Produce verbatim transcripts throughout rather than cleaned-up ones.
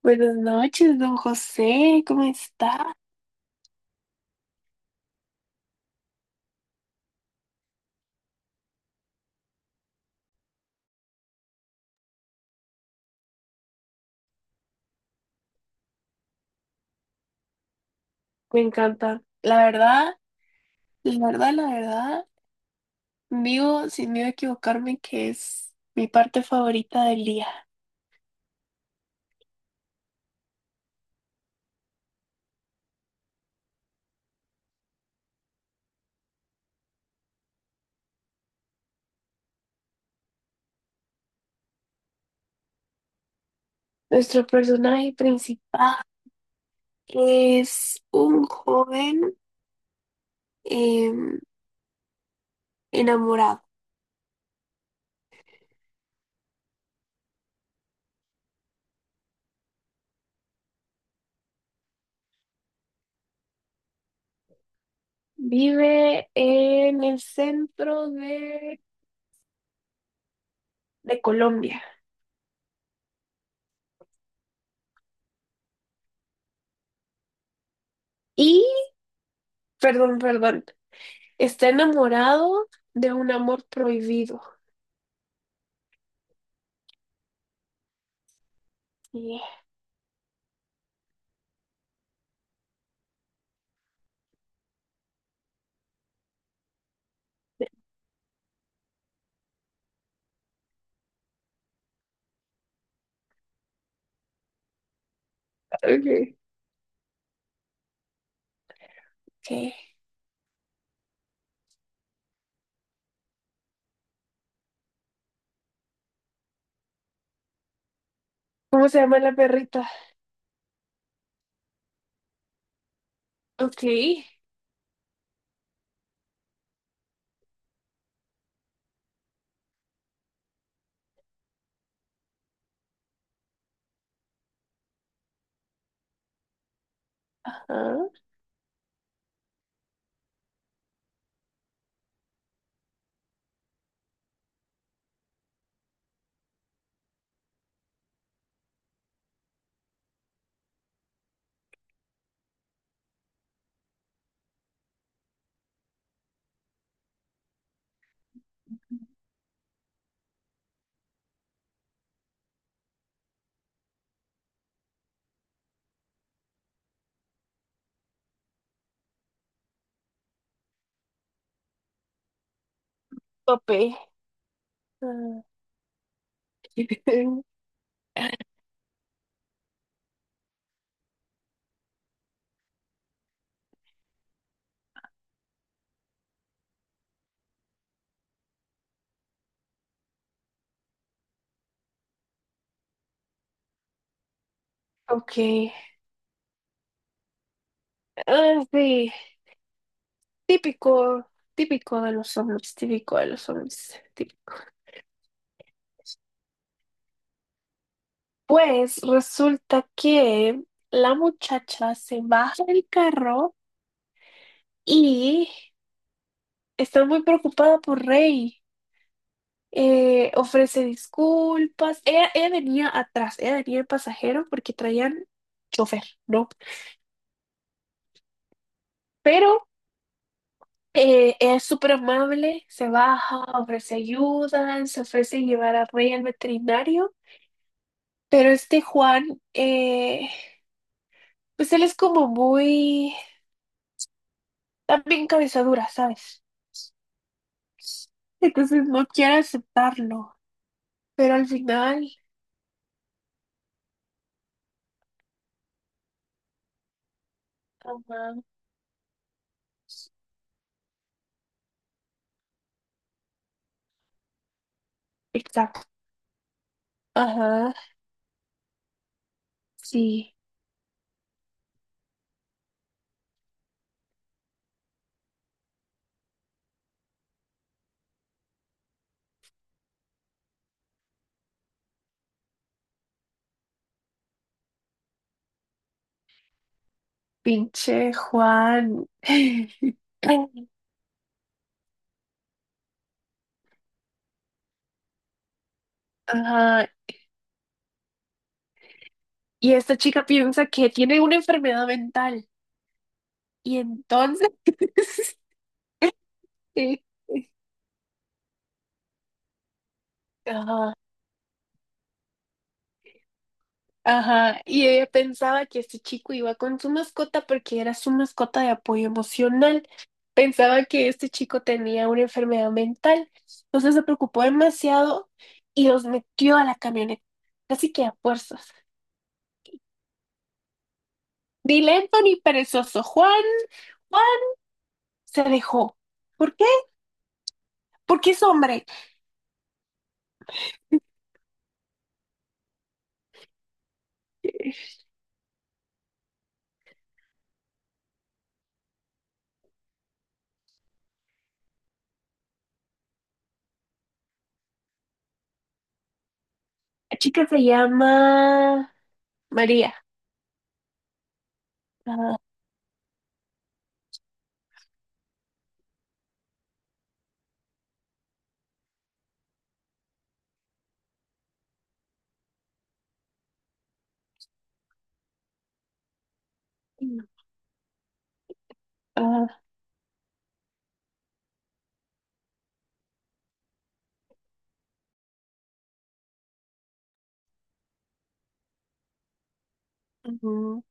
Buenas noches, don José, ¿cómo está? Me encanta. La verdad, la verdad, la verdad, digo sin miedo a equivocarme que es mi parte favorita del día. Nuestro personaje principal es un joven em, enamorado. Vive en el centro de, de Colombia. Y, perdón, perdón, está enamorado de un amor prohibido. Yeah. Okay. Ok. ¿Cómo se llama la perrita? Ok. Ajá. Tope. Ah, Ok. Ah, sí. Típico, típico de los hombres, típico de los hombres, típico. Pues resulta que la muchacha se baja del carro y está muy preocupada por Rey. Eh, ofrece disculpas. Ella, ella venía atrás, ella venía el pasajero porque traían chofer, ¿no? Pero Eh, es súper amable, se baja, ofrece ayuda, se ofrece llevar a Rey al veterinario, pero este Juan, eh, pues él es como muy, también cabeza dura, ¿sabes? Entonces no quiere aceptarlo, pero al final, ajá, exacto, ajá, sí, pinche Juan, ajá, y esta chica piensa que tiene una enfermedad mental, y entonces, sí, ajá. Ajá, y ella pensaba que este chico iba con su mascota porque era su mascota de apoyo emocional. Pensaba que este chico tenía una enfermedad mental. Entonces se preocupó demasiado y los metió a la camioneta, casi que a fuerzas. Ni lento ni perezoso. Juan, Juan se dejó. ¿Por qué? Porque es hombre. La chica se llama María. Ah, ah, ujú.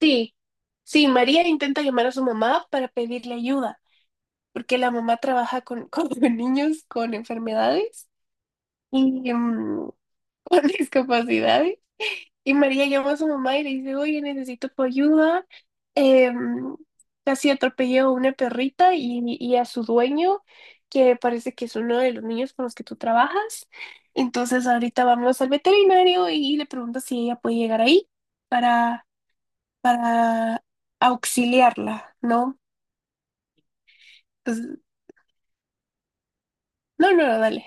Sí, sí, María intenta llamar a su mamá para pedirle ayuda, porque la mamá trabaja con, con niños con enfermedades y mm, con discapacidades. Y María llama a su mamá y le dice, oye, necesito tu ayuda. Em, casi atropelló a una perrita y, y a su dueño, que parece que es uno de los niños con los que tú trabajas. Entonces ahorita vamos al veterinario y le preguntas si ella puede llegar ahí para para auxiliarla, ¿no? Entonces, no, no, no, dale.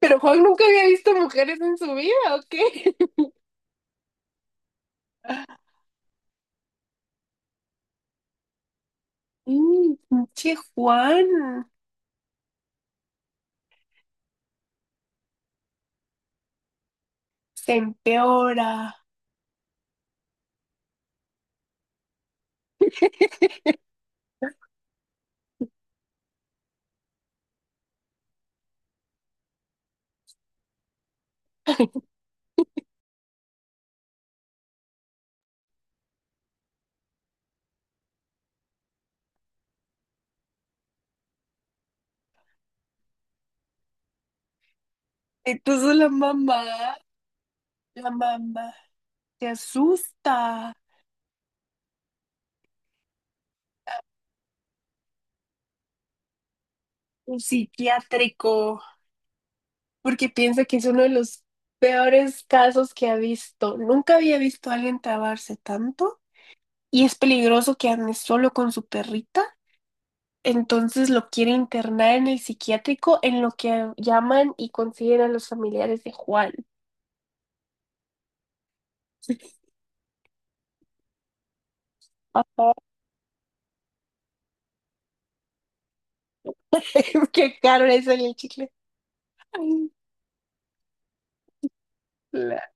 Pero Juan nunca había visto mujeres en su vida, ¿o qué? Mm, Pinche Juan, se empeora. Entonces la mamá, la mamá se asusta, un psiquiátrico, porque piensa que es uno de los peores casos que ha visto. Nunca había visto a alguien trabarse tanto y es peligroso que ande solo con su perrita. Entonces lo quiere internar en el psiquiátrico en lo que llaman y consideran los familiares de Juan. Papá, qué caro es el chicle. Ay, La-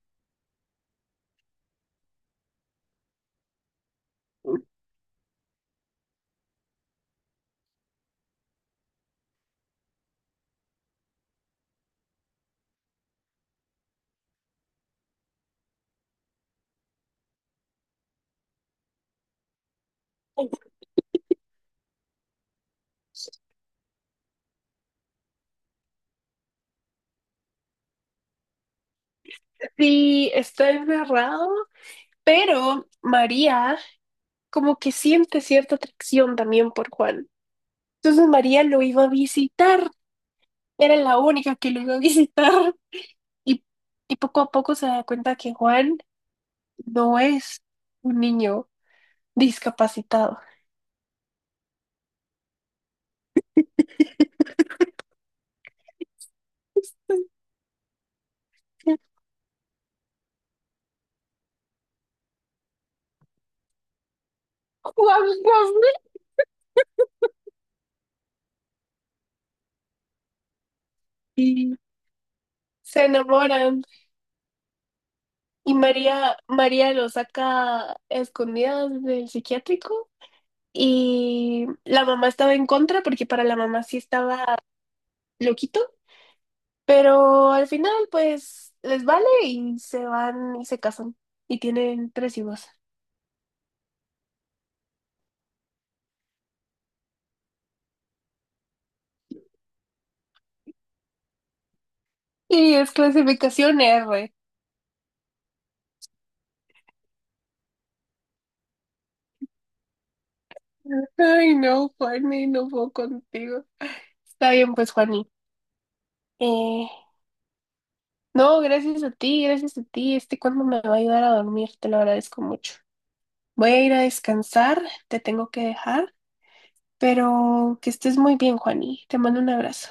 Sí, está encerrado, pero María como que siente cierta atracción también por Juan. Entonces María lo iba a visitar, era la única que lo iba a visitar y, y poco a poco se da cuenta que Juan no es un niño discapacitado. Juan Gabriel. Y se enamoran. Y María, María lo saca a escondidas del psiquiátrico. Y la mamá estaba en contra porque para la mamá sí estaba loquito. Pero al final, pues, les vale y se van y se casan. Y tienen tres hijos. Y es clasificación R. Ay, no, Juani, no puedo contigo. Está bien, pues, Juani. Eh, No, gracias a ti, gracias a ti. Este cuento me va a ayudar a dormir, te lo agradezco mucho. Voy a ir a descansar, te tengo que dejar, pero que estés muy bien, Juani. Te mando un abrazo.